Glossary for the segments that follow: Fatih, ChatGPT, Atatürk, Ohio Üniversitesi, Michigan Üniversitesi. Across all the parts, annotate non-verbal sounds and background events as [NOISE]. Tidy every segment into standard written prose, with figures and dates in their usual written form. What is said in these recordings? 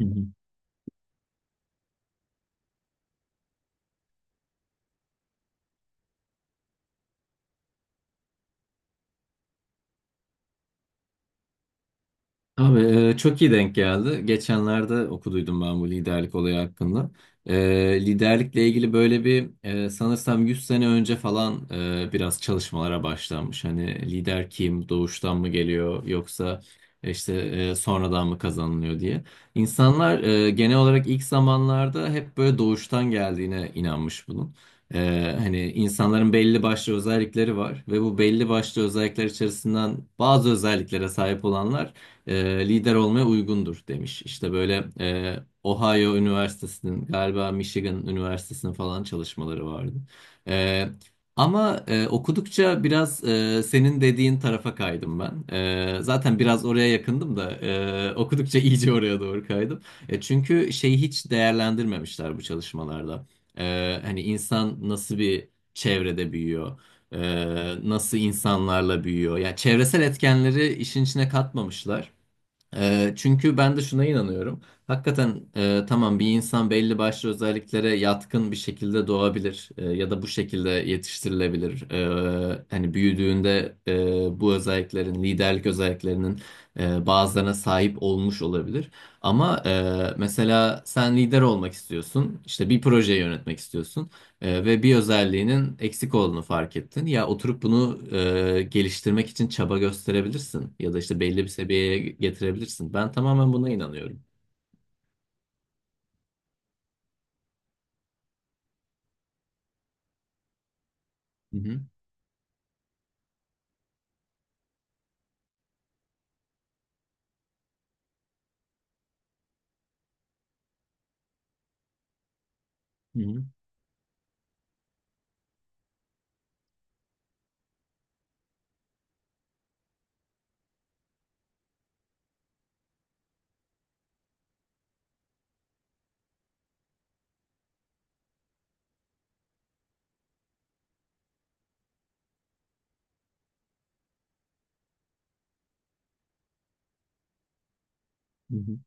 Hı hı. Abi çok iyi denk geldi. Geçenlerde okuduydum ben bu liderlik olayı hakkında. Liderlikle ilgili böyle bir sanırsam 100 sene önce falan biraz çalışmalara başlanmış. Hani lider kim, doğuştan mı geliyor yoksa işte sonradan mı kazanılıyor diye. İnsanlar genel olarak ilk zamanlarda hep böyle doğuştan geldiğine inanmış bunun. Hani insanların belli başlı özellikleri var ve bu belli başlı özellikler içerisinden bazı özelliklere sahip olanlar lider olmaya uygundur demiş. İşte böyle, Ohio Üniversitesi'nin, galiba Michigan Üniversitesi'nin falan çalışmaları vardı. E, Ama okudukça biraz senin dediğin tarafa kaydım ben. Zaten biraz oraya yakındım da okudukça [LAUGHS] iyice oraya doğru kaydım. Çünkü şeyi hiç değerlendirmemişler bu çalışmalarda. Hani insan nasıl bir çevrede büyüyor? Nasıl insanlarla büyüyor. Yani çevresel etkenleri işin içine katmamışlar. Çünkü ben de şuna inanıyorum. Hakikaten tamam, bir insan belli başlı özelliklere yatkın bir şekilde doğabilir, ya da bu şekilde yetiştirilebilir. Hani büyüdüğünde bu özelliklerin, liderlik özelliklerinin bazılarına sahip olmuş olabilir. Ama mesela sen lider olmak istiyorsun, işte bir projeyi yönetmek istiyorsun. Ve bir özelliğinin eksik olduğunu fark ettin. Ya oturup bunu geliştirmek için çaba gösterebilirsin ya da işte belli bir seviyeye getirebilirsin. Ben tamamen buna inanıyorum. Hı hı, hı hı,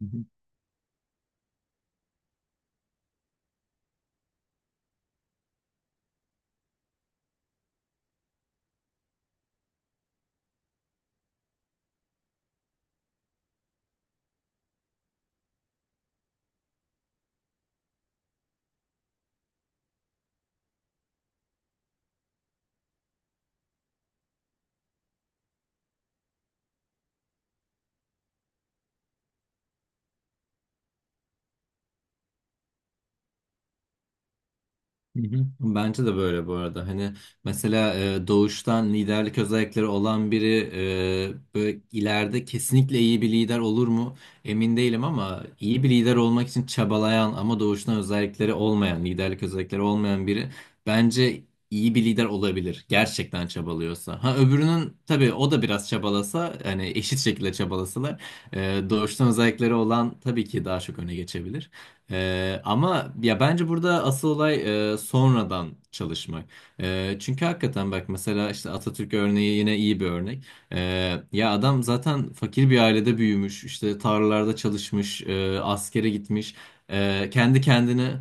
hı hı. Hı hı. Bence de böyle bu arada. Hani mesela doğuştan liderlik özellikleri olan biri böyle ileride kesinlikle iyi bir lider olur mu? Emin değilim, ama iyi bir lider olmak için çabalayan ama doğuştan özellikleri olmayan, liderlik özellikleri olmayan biri bence iyi bir lider olabilir. Gerçekten çabalıyorsa. Ha öbürünün tabii, o da biraz çabalasa, hani eşit şekilde çabalasalar doğuştan özellikleri olan tabii ki daha çok öne geçebilir. Ama ya bence burada asıl olay sonradan çalışmak. Çünkü hakikaten bak, mesela işte Atatürk örneği yine iyi bir örnek. Ya adam zaten fakir bir ailede büyümüş, işte tarlalarda çalışmış, askere gitmiş, kendi kendine.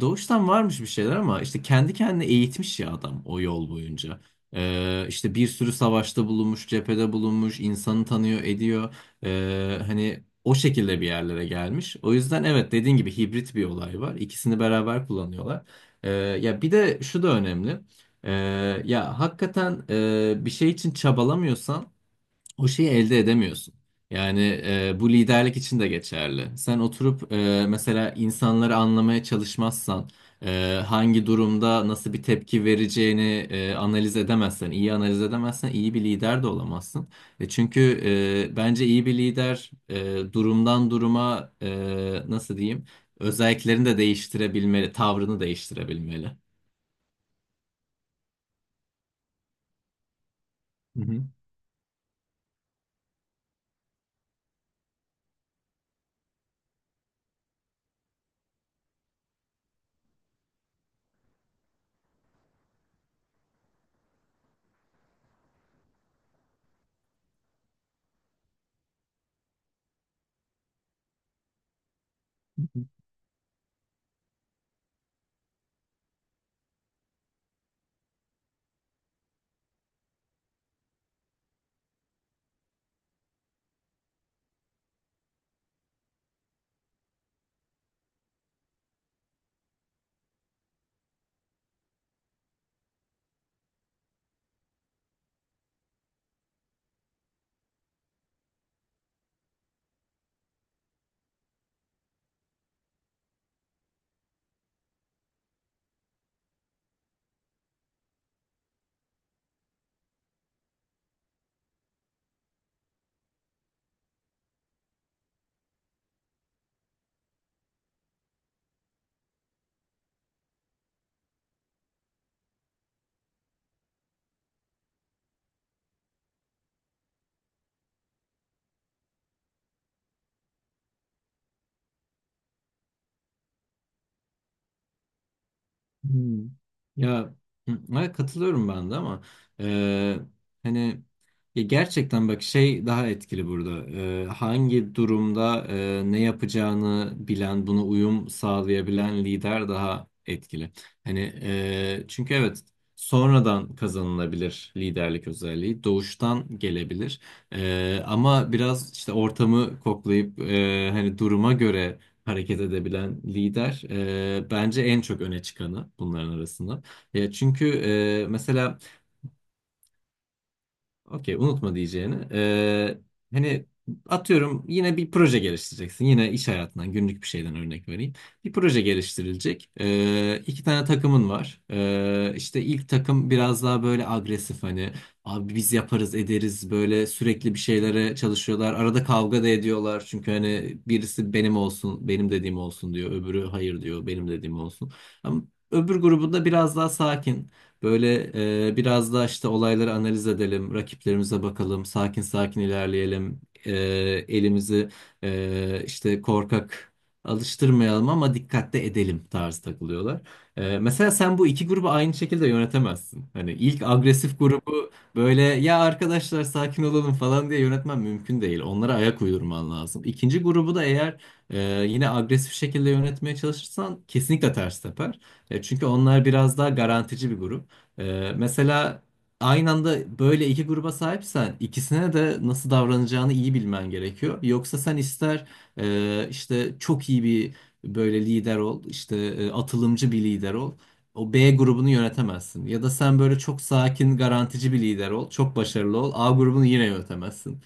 Doğuştan varmış bir şeyler, ama işte kendi kendine eğitmiş ya adam o yol boyunca. İşte bir sürü savaşta bulunmuş, cephede bulunmuş, insanı tanıyor, ediyor. Hani o şekilde bir yerlere gelmiş. O yüzden evet, dediğin gibi hibrit bir olay var. İkisini beraber kullanıyorlar. Ya bir de şu da önemli. Ee, Ya hakikaten bir şey için çabalamıyorsan o şeyi elde edemiyorsun. Yani bu liderlik için de geçerli. Sen oturup mesela insanları anlamaya çalışmazsan, hangi durumda nasıl bir tepki vereceğini analiz edemezsen, iyi analiz edemezsen iyi bir lider de olamazsın. Çünkü bence iyi bir lider durumdan duruma nasıl diyeyim, özelliklerini de değiştirebilmeli, tavrını değiştirebilmeli. Hı hı. Hmm. Ya hı, evet, katılıyorum ben de, ama e, hani ya gerçekten bak, şey daha etkili burada. Hangi durumda ne yapacağını bilen, buna uyum sağlayabilen lider daha etkili. Hani çünkü evet, sonradan kazanılabilir liderlik özelliği, doğuştan gelebilir. Ama biraz işte ortamı koklayıp hani duruma göre hareket edebilen lider bence en çok öne çıkanı bunların arasında. Ya çünkü mesela. Okey, unutma diyeceğini. Hani atıyorum, yine bir proje geliştireceksin. Yine iş hayatından, günlük bir şeyden örnek vereyim. Bir proje geliştirilecek. İki tane takımın var. İşte ilk takım biraz daha böyle agresif, hani abi biz yaparız ederiz, böyle sürekli bir şeylere çalışıyorlar. Arada kavga da ediyorlar. Çünkü hani birisi benim olsun, benim dediğim olsun diyor. Öbürü hayır diyor, benim dediğim olsun. Ama öbür grubunda biraz daha sakin. Böyle, biraz da işte olayları analiz edelim, rakiplerimize bakalım, sakin sakin ilerleyelim, elimizi işte korkak alıştırmayalım ama dikkatli edelim tarzı takılıyorlar. Mesela sen bu iki grubu aynı şekilde yönetemezsin. Hani ilk agresif grubu böyle ya arkadaşlar sakin olalım falan diye yönetmen mümkün değil. Onlara ayak uydurman lazım. İkinci grubu da eğer e, yine agresif şekilde yönetmeye çalışırsan kesinlikle ters teper. Çünkü onlar biraz daha garantici bir grup. Mesela aynı anda böyle iki gruba sahipsen ikisine de nasıl davranacağını iyi bilmen gerekiyor. Yoksa sen ister işte çok iyi bir böyle lider ol, işte atılımcı bir lider ol. O B grubunu yönetemezsin. Ya da sen böyle çok sakin, garantici bir lider ol, çok başarılı ol. A grubunu yine yönetemezsin.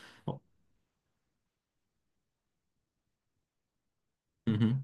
Hı hı.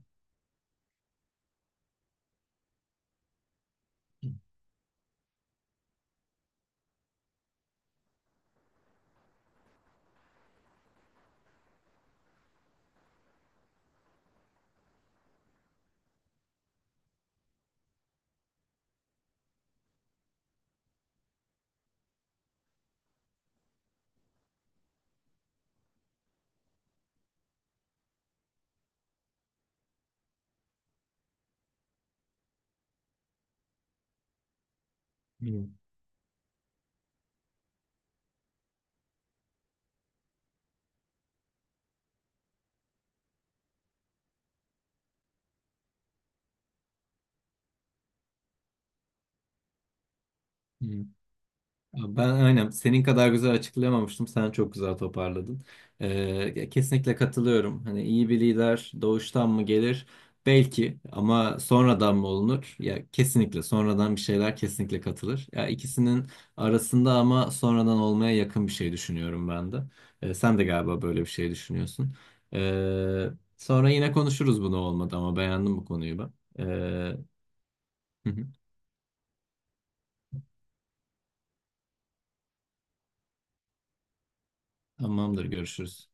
Hı. Ben aynen senin kadar güzel açıklayamamıştım. Sen çok güzel toparladın. Ee, Kesinlikle katılıyorum. Hani iyi bir lider doğuştan mı gelir? Belki, ama sonradan mı olunur? Ya kesinlikle sonradan bir şeyler kesinlikle katılır. Ya ikisinin arasında, ama sonradan olmaya yakın bir şey düşünüyorum ben de. Sen de galiba böyle bir şey düşünüyorsun. Ee, Sonra yine konuşuruz bunu olmadı, ama beğendim bu konuyu ben. Ee, hı hı. Tamamdır, görüşürüz.